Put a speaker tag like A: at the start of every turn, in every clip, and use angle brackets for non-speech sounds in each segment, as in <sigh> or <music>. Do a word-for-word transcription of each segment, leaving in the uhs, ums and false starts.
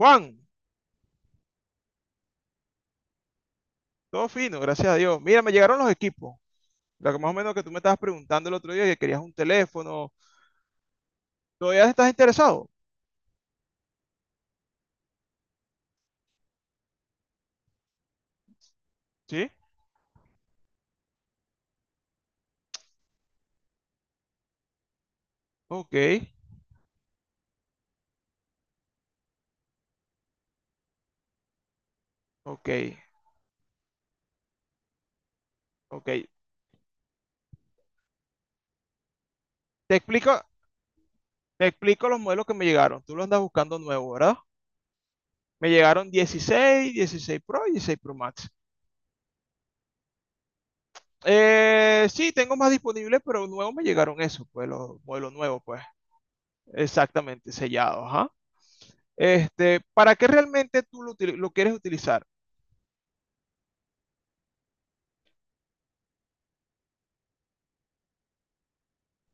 A: Juan, todo fino, gracias a Dios. Mira, me llegaron los equipos. Lo que más o menos que tú me estabas preguntando el otro día, que querías un teléfono. ¿Todavía estás interesado? Sí. Ok, ok, ok. Te explico, te explico los modelos que me llegaron. Tú los andas buscando nuevos, ¿verdad? Me llegaron dieciséis, dieciséis Pro y dieciséis Pro Max. Eh, sí, tengo más disponibles, pero nuevos me llegaron esos, pues los modelos nuevos, pues. Exactamente, sellados, ajá. Este, ¿para qué realmente tú lo, util- lo quieres utilizar?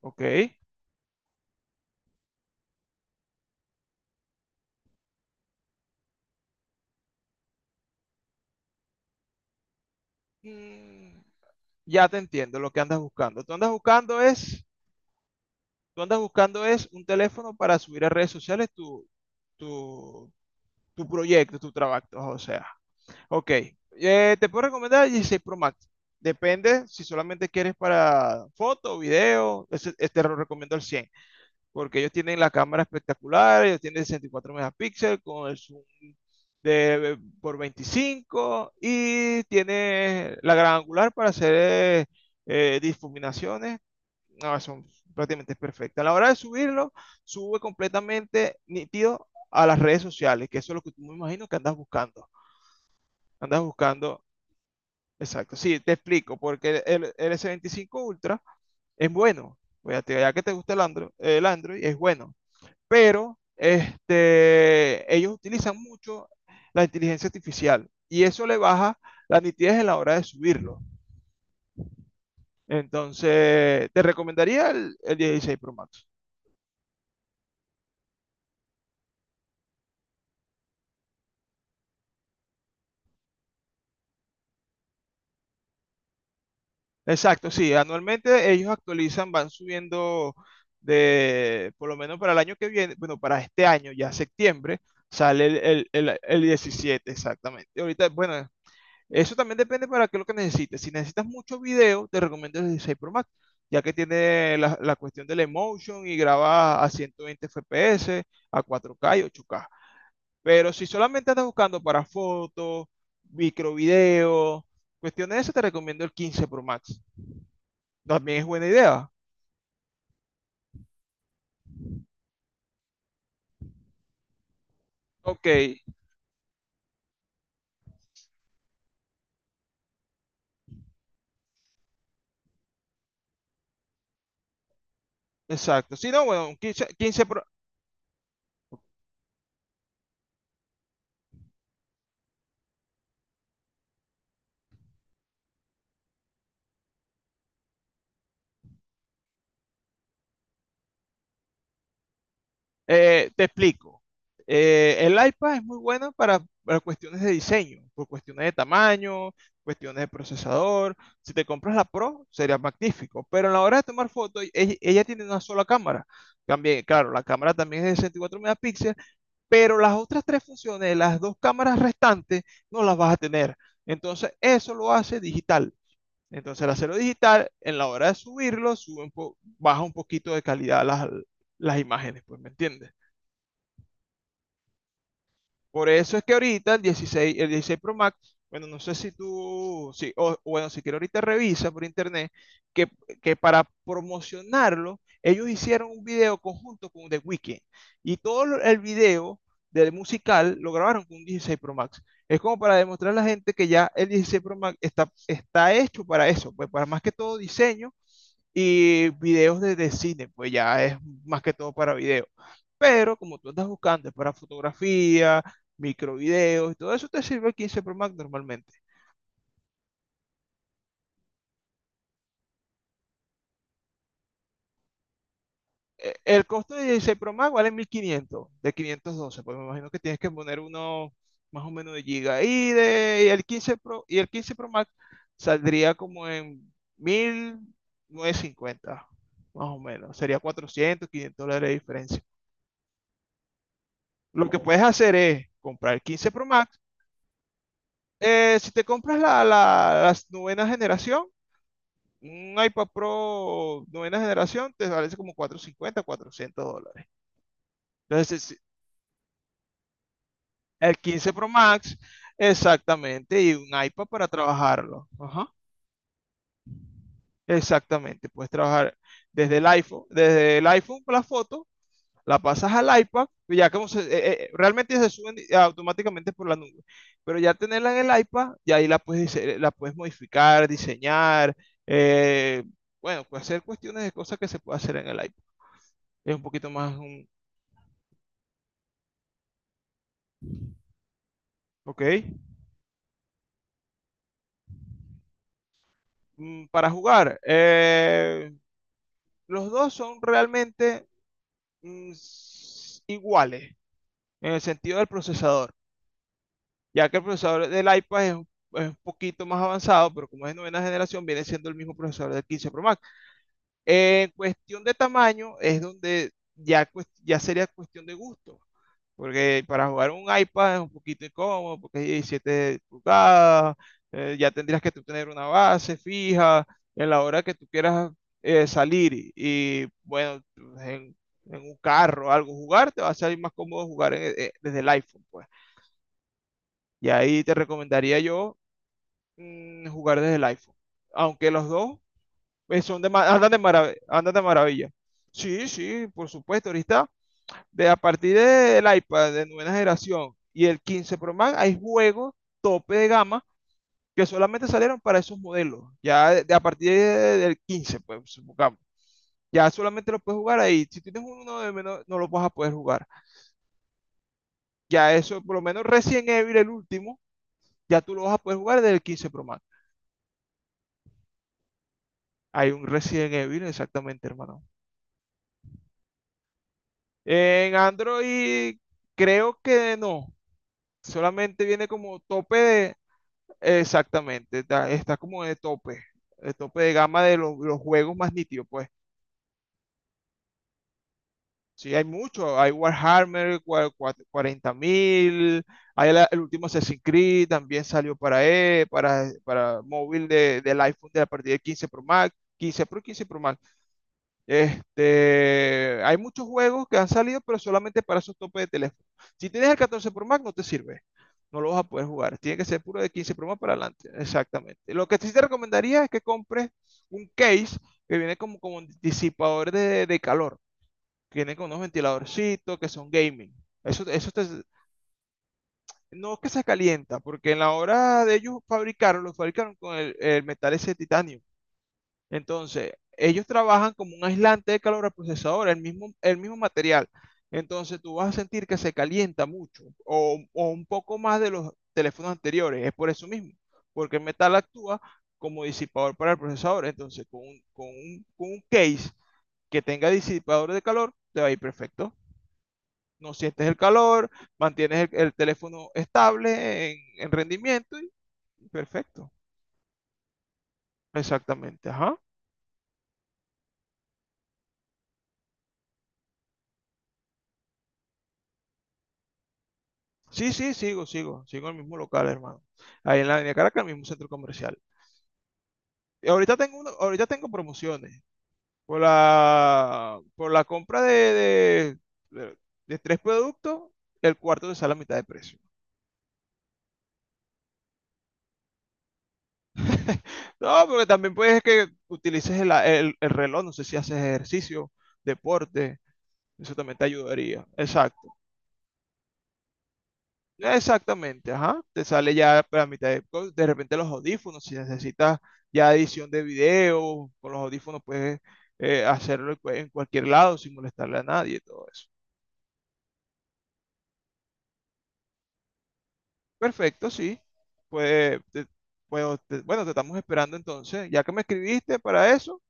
A: Ok. Mm, Ya te entiendo lo que andas buscando. Tú andas buscando es, tú andas buscando es un teléfono para subir a redes sociales tu, tu, tu proyecto, tu trabajo, o sea. Ok. Eh, te puedo recomendar el dieciséis Pro Max. Depende si solamente quieres para foto, video, ese- este lo recomiendo al cien, porque ellos tienen la cámara espectacular, ellos tienen sesenta y cuatro megapíxeles con el zoom de, por veinticinco y tiene la gran angular para hacer eh, eh, difuminaciones no, son prácticamente perfectas. A la hora de subirlo, sube completamente nítido a las redes sociales, que eso es lo que tú me imagino que andas buscando. Andas buscando, exacto. Sí, te explico, porque el, el S veinticinco Ultra es bueno. Ya, ya que te gusta el Android, el Android es bueno, pero este, ellos utilizan mucho la inteligencia artificial y eso le baja la nitidez en la hora de subirlo. Entonces, te recomendaría el, el dieciséis Pro Max. Exacto, sí, anualmente ellos actualizan, van subiendo de, por lo menos para el año que viene, bueno, para este año, ya septiembre, sale el, el, el- el diecisiete, exactamente. Y ahorita, bueno, eso también depende para qué es lo que necesites. Si necesitas mucho video, te recomiendo el dieciséis Pro Max, ya que tiene la, la cuestión del emotion y graba a ciento veinte F P S, a cuatro k y ocho k. Pero si solamente andas buscando para fotos, microvideo, cuestiones de eso, te recomiendo el quince Pro Max. También es buena idea. Ok, exacto. Si no, bueno, un quince, quince pro- eh, te explico. Eh, el iPad es muy bueno para, para cuestiones de diseño, por cuestiones de tamaño, cuestiones de procesador. Si te compras la Pro, sería magnífico. Pero en la hora de tomar fotos, ella, ella tiene una sola cámara. También, claro, la cámara también es de sesenta y cuatro megapíxeles, pero las otras tres funciones, las dos cámaras restantes, no las vas a tener. Entonces, eso lo hace digital. Entonces el hacerlo digital, en la hora de subirlo, sube un po- baja un poquito de calidad las, las imágenes, pues, ¿me entiendes? Por eso es que ahorita el dieciséis, el dieciséis Pro Max, bueno, no sé si tú, sí, o, o bueno, si quieres ahorita revisa por internet, que, que para promocionarlo, ellos hicieron un video conjunto con The Weeknd y todo lo- el video del musical lo grabaron con un dieciséis Pro Max. Es como para demostrar a la gente que ya el dieciséis Pro Max está, está hecho para eso, pues para más que todo diseño y videos de, de cine, pues ya es más que todo para video. Pero como tú andas buscando, es para fotografía, microvideos y todo eso, te sirve el quince Pro Max normalmente. Eh, El costo de dieciséis Pro Max vale mil quinientos, de quinientos doce, pues me imagino que tienes que poner uno más o menos de giga. Y, de, y el quince Pro, y el quince Pro Max saldría como en mil novecientos cincuenta, más o menos. Sería cuatrocientos, quinientos dólares de diferencia. Lo que puedes hacer es comprar el quince Pro Max. Eh, si te compras la, la, las novena generación, un iPad Pro novena generación te vale como cuatrocientos cincuenta cuatrocientos dólares. Entonces, es- el quince Pro Max, exactamente, y un iPad para trabajarlo. Ajá, exactamente, puedes trabajar desde el iPhone, desde el iPhone con la foto la pasas al iPad, pues ya como se, eh, eh, realmente se suben automáticamente por la nube, pero ya tenerla en el iPad, y ahí la puedes, dise- la puedes modificar, diseñar, eh, bueno, pues hacer cuestiones de cosas que se puede hacer en el iPad. Es un poquito más, un- ok. Mm, para jugar. Eh, los dos son realmente mm, s- iguales en el sentido del procesador, ya que el procesador del iPad es, un- es un poquito más avanzado, pero como es de novena generación, viene siendo el mismo procesador del quince Pro Max. En cuestión de tamaño es donde ya, cues- ya sería cuestión de gusto, porque para jugar un iPad es un poquito incómodo, porque es diecisiete pulgadas, eh, ya tendrías que tú tener una base fija en la hora que tú quieras eh, salir y, y, bueno, pues, en, en un carro o algo jugar, te va a salir más cómodo jugar en- eh, desde el iPhone, pues. Y ahí te recomendaría yo mm, jugar desde el iPhone, aunque los dos eh, son de, ma- andan de marav- andan de maravilla. Sí, sí, por supuesto. Ahorita, de, a partir del iPad de nueva generación y el quince Pro Max, hay juegos tope de gama que solamente salieron para esos modelos. Ya de- de a partir de- del quince pues, supongamos. Ya solamente lo puedes jugar ahí. Si tienes uno de menos, no lo vas a poder jugar. Ya eso, por lo menos Resident Evil, el último, ya tú lo vas a poder jugar desde el quince Pro Max. Hay un Resident Evil, exactamente, hermano. En Android, creo que no. Solamente viene como tope de, exactamente, está, está como de tope, de tope de gama de los, los juegos más nítidos, pues. Sí, hay mucho, hay Warhammer cua- cua- cuarenta mil, hay la- el último Assassin's Creed, también salió para, e, para, para móvil de, del iPhone de a partir de quince Pro Max, quince Pro, quince Pro Max. Este, hay muchos juegos que han salido, pero solamente para esos topes de teléfono. Si tienes el catorce Pro Max, no te sirve. No lo vas a poder jugar. Tiene que ser puro de quince Pro Max para adelante. Exactamente. Lo que sí te recomendaría es que compres un case que viene como, como un disipador de, de calor. Que viene con unos ventiladorcitos que son gaming. Eso, eso te- no es que se calienta, porque en la hora de ellos fabricaron, lo fabricaron con el, el metal ese de titanio. Entonces, ellos trabajan como un aislante de calor al procesador, el mismo, el mismo material. Entonces, tú vas a sentir que se calienta mucho o, o un poco más de los teléfonos anteriores. Es por eso mismo, porque el metal actúa como disipador para el procesador. Entonces, con un, con un- con un case que tenga disipador de calor, te va a ir perfecto. No sientes el calor, mantienes el, el teléfono estable en, en rendimiento y perfecto. Exactamente, ajá. Sí, sí, sigo, sigo, sigo en el mismo local, hermano. Ahí en la Avenida Caracas, el mismo centro comercial. Y ahorita tengo, una- ahorita tengo promociones por la, por la compra de, de, de- de tres productos, el cuarto te sale a mitad de precio. <laughs> No, porque también puedes que utilices el, el el reloj, no sé si haces ejercicio, deporte, eso también te ayudaría. Exacto. Exactamente, ajá. Te sale ya para mitad de, co- de repente los audífonos, si necesitas ya edición de video, con los audífonos puedes eh, hacerlo en cu- en cualquier lado sin molestarle a nadie y todo eso. Perfecto, sí. Pues, te- pues, te- bueno, te estamos esperando entonces. Ya que me escribiste para eso,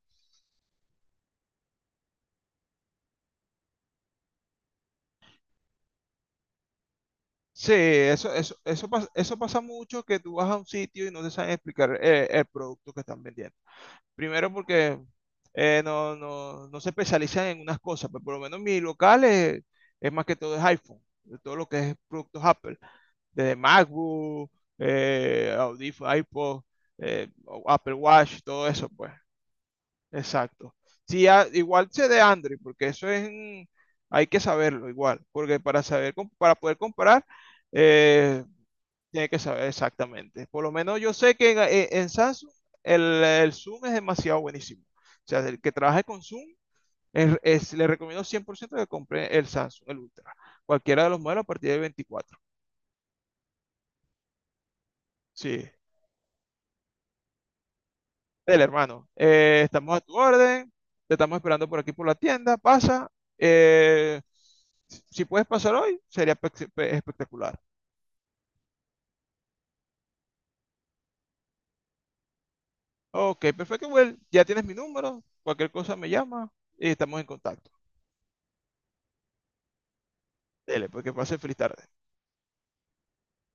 A: sí, eso, eso, eso, pas- eso pasa mucho que tú vas a un sitio y no te saben explicar eh, el producto que están vendiendo. Primero porque eh, no, no, no se especializan en unas cosas, pero por lo menos mi local es, es más que todo es iPhone, de todo lo que es productos Apple, desde MacBook, eh, audífonos, iPod, eh, Apple Watch, todo eso, pues. Exacto. Sí, a- igual sé de Android, porque eso es, en- hay que saberlo igual, porque para saber, com- para poder comparar, eh, tiene que saber exactamente. Por lo menos yo sé que en, eh, en Samsung el, el Zoom es demasiado buenísimo. O sea, el que trabaje con Zoom, es, es- le recomiendo cien por ciento que compre el Samsung, el Ultra. Cualquiera de los modelos a partir de veinticuatro. Sí, el hermano. Eh, estamos a tu orden. Te estamos esperando por aquí por la tienda. Pasa. Eh, si puedes pasar hoy, sería espe- espe- espectacular. Ok, perfecto, Well. Ya tienes mi número. Cualquier cosa me llama y estamos en contacto. Dele, porque pase feliz tarde.